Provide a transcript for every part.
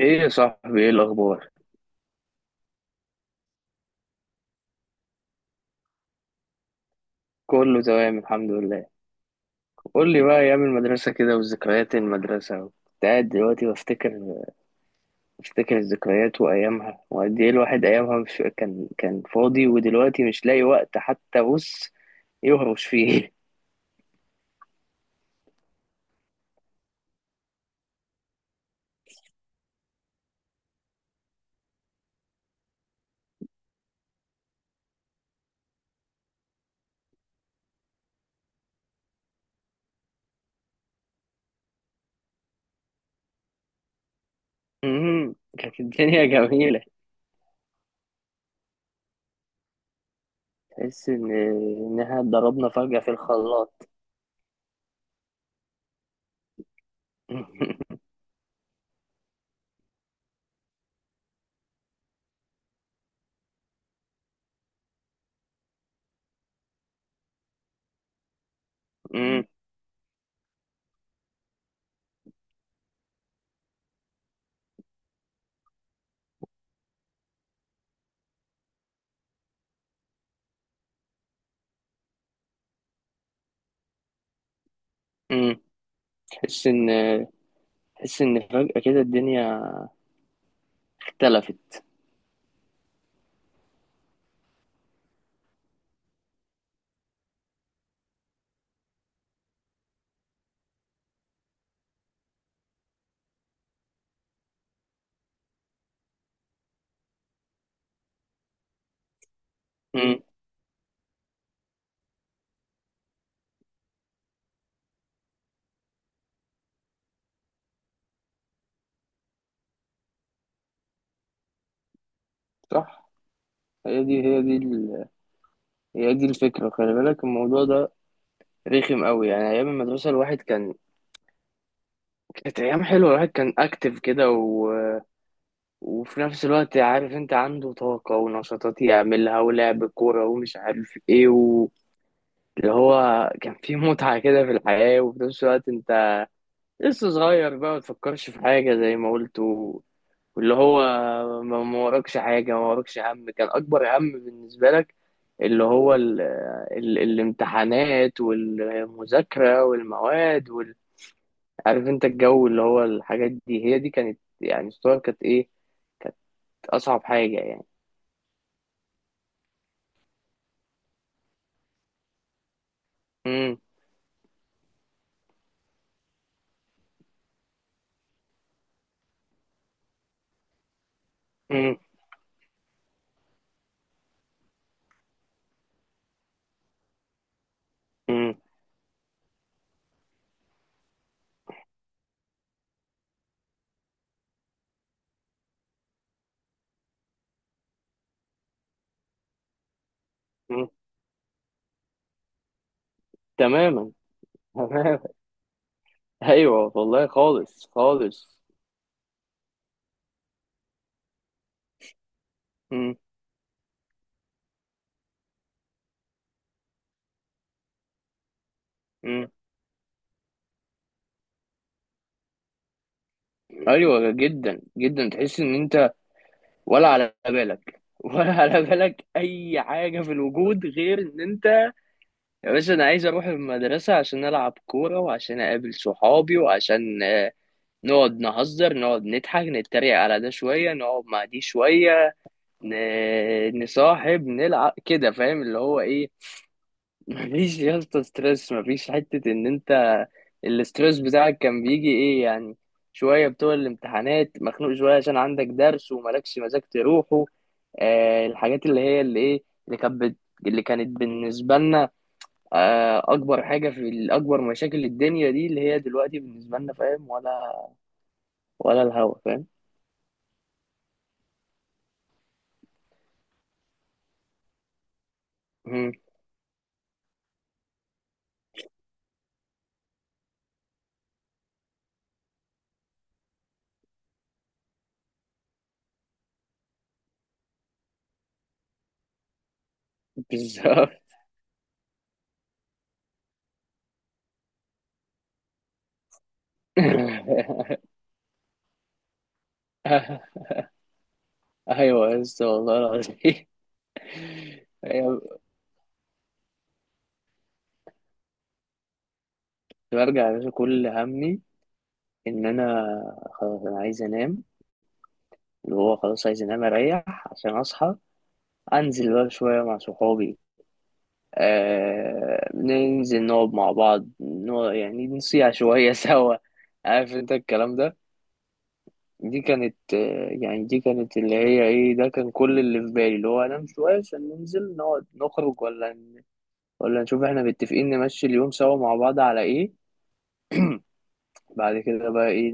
ايه يا صاحبي؟ ايه الاخبار؟ كله تمام الحمد لله. قول لي بقى، ايام المدرسه كده وذكريات المدرسه. كنت قاعد دلوقتي بفتكر، الذكريات وايامها، وقد ايه الواحد ايامها مش كان فاضي، ودلوقتي مش لاقي وقت حتى بص يهرش فيه. كانت الدنيا جميله. تحس ان انها اتضربنا فجاه في الخلاط. أمم، أمم. تحس ان، فجاه كده الدنيا اختلفت. أمم، صح. هي دي هي دي الفكرة. خلي بالك الموضوع ده رخم قوي. يعني أيام المدرسة، الواحد كان، كانت أيام حلوة، الواحد كان أكتف كده و وفي نفس الوقت عارف أنت عنده طاقة ونشاطات يعملها ولعب كورة ومش عارف إيه و اللي هو كان في متعة كده في الحياة. وفي نفس الوقت أنت لسه صغير بقى، ما تفكرش في حاجة، زي ما قلت، واللي هو ما وراكش حاجة، ما وراكش هم. كان أكبر هم بالنسبة لك اللي هو ال ال الامتحانات والمذاكرة والمواد وال عارف انت الجو، اللي هو الحاجات دي هي دي كانت يعني الصور، كانت ايه أصعب حاجة يعني. مم. مم. مم. مم. تماما، تماما. ايوه والله، خالص خالص. مم. مم. ايوه جدا جدا. تحس ان انت ولا على بالك، ولا على بالك اي حاجه في الوجود، غير ان انت، يا باشا، انا عايز اروح المدرسه عشان العب كوره، وعشان اقابل صحابي، وعشان نقعد نهزر، نقعد نضحك، نتريق على ده شويه، نقعد مع دي شويه، نصاحب، نلعب كده. فاهم اللي هو ايه؟ مفيش يا اسطى ستريس، مفيش حتة ان انت، الاستريس بتاعك كان بيجي ايه يعني؟ شوية بتوع الامتحانات، مخنوق شوية عشان عندك درس وملكش مزاج تروحه. آه، الحاجات اللي هي اللي ايه، اللي كانت بالنسبة لنا آه اكبر حاجة في اكبر مشاكل الدنيا دي، اللي هي دلوقتي بالنسبة لنا. فاهم ولا ولا الهوا، فاهم؟ مم، بالظبط. ايوه يا اسطى، والله العظيم. أيوة، برجع يا باشا، كل همي ان انا خلاص انا عايز انام. اللي هو خلاص عايز انام، اريح عشان اصحى انزل بقى شويه مع صحابي. آه، ننزل نقعد مع بعض، نقعد يعني نصيع شويه سوا. عارف انت الكلام ده. دي كانت، يعني دي كانت اللي هي ايه، ده كان كل اللي في بالي، اللي هو انام شويه عشان ننزل نقعد نخرج، ولا نشوف احنا متفقين نمشي اليوم سوا مع بعض على ايه بعد كده بقى ايه.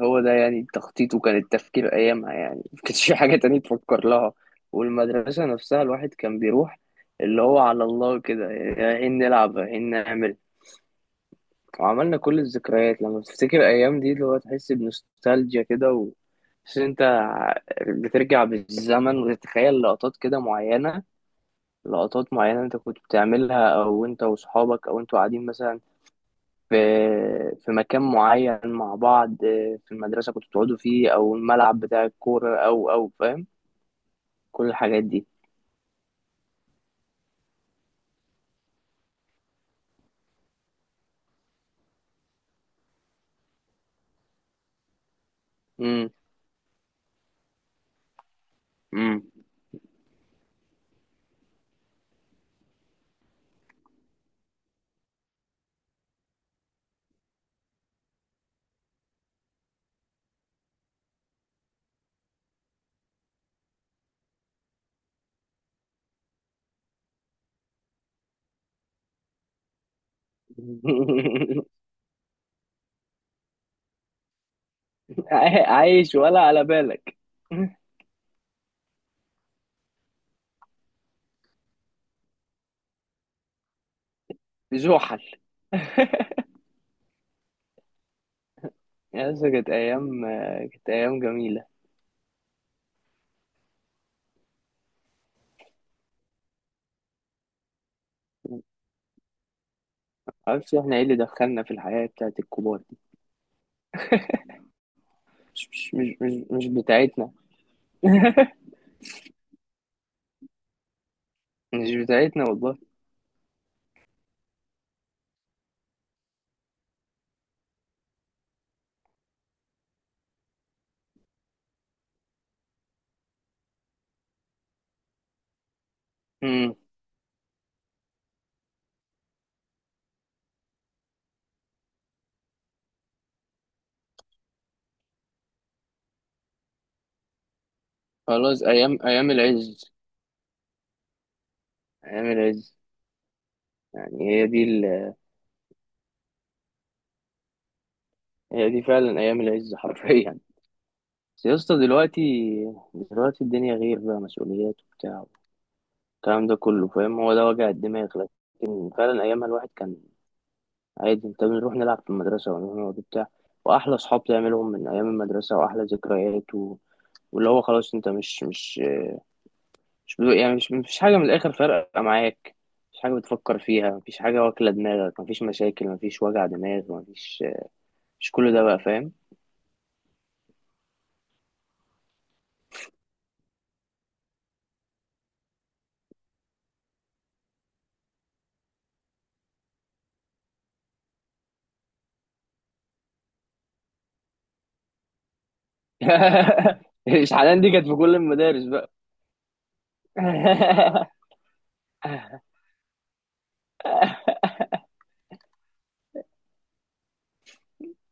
هو ده يعني تخطيط، وكان التفكير أيامها يعني، ما كانش في حاجة تانية تفكر لها. والمدرسة نفسها، الواحد كان بيروح اللي هو على الله كده، رايحين نلعب، رايحين نعمل. وعملنا كل الذكريات. لما تفتكر الأيام دي اللي هو تحس بنوستالجيا كده، و... بس أنت بترجع بالزمن وتتخيل لقطات كده معينة، لقطات معينة أنت كنت بتعملها، أو أنت وأصحابك، أو أنتوا قاعدين مثلا في، في مكان معين مع بعض، في المدرسة كنتوا بتقعدوا فيه، أو الملعب بتاع الكورة، أو أو فاهم كل الحاجات دي. مم. مم. عايش ولا على بالك. زحل. يا اسطى كانت أيام، كانت أيام جميلة. معرفش احنا ايه اللي دخلنا في الحياة بتاعت الكبار دي. مش بتاعتنا. مش بتاعتنا والله. مم. خلاص، أيام، أيام العز، أيام العز، يعني هي دي، هي دي فعلا ايام العز حرفيا. بس يا اسطى دلوقتي، دلوقتي الدنيا غير، بقى مسؤوليات وبتاع الكلام ده كله. فاهم، هو ده وجع الدماغ. لكن فعلا ايامها الواحد كان عادي، انت بنروح نلعب في المدرسه، ونروح نقعد وبتاع، واحلى اصحاب تعملهم من ايام المدرسه، واحلى ذكريات و واللي هو خلاص، انت مش مش بدو يعني مش، مفيش حاجه من الاخر فارقه معاك، مفيش حاجه بتفكر فيها، مفيش حاجه واكله دماغك، مفيش مشاكل، مفيش وجع دماغ، مفيش، مش كل ده بقى، فاهم؟ مش حاليا دي كانت في كل المدارس.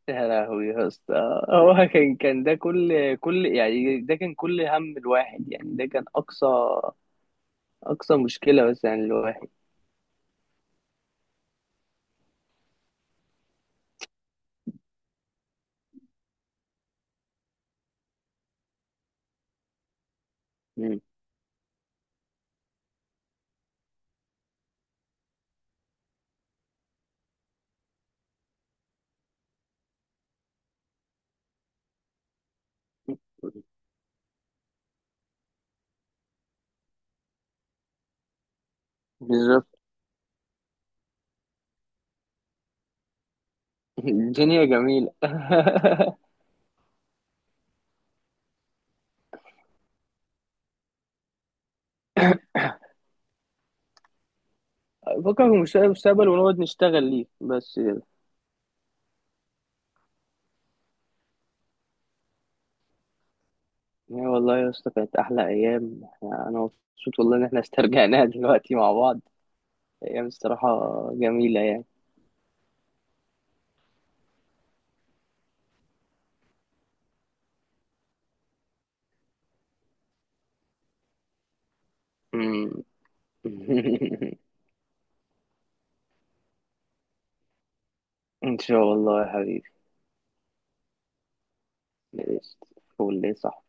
يا لهوي يا اسطى، هو كان ده كل يعني ده كان كل هم الواحد، يعني ده كان اقصى، اقصى مشكلة بس يعني الواحد. مم. بالظبط. الدنيا جميلة. فكك من مشكلة المستقبل ونقعد نشتغل ليه بس كده. يا والله يا اسطى، كانت احلى ايام. احنا انا مبسوط والله ان احنا استرجعناها دلوقتي مع بعض. ايام الصراحة جميلة يعني. مم. ان شاء الله يا حبيبي. ليست فول ليه، صح؟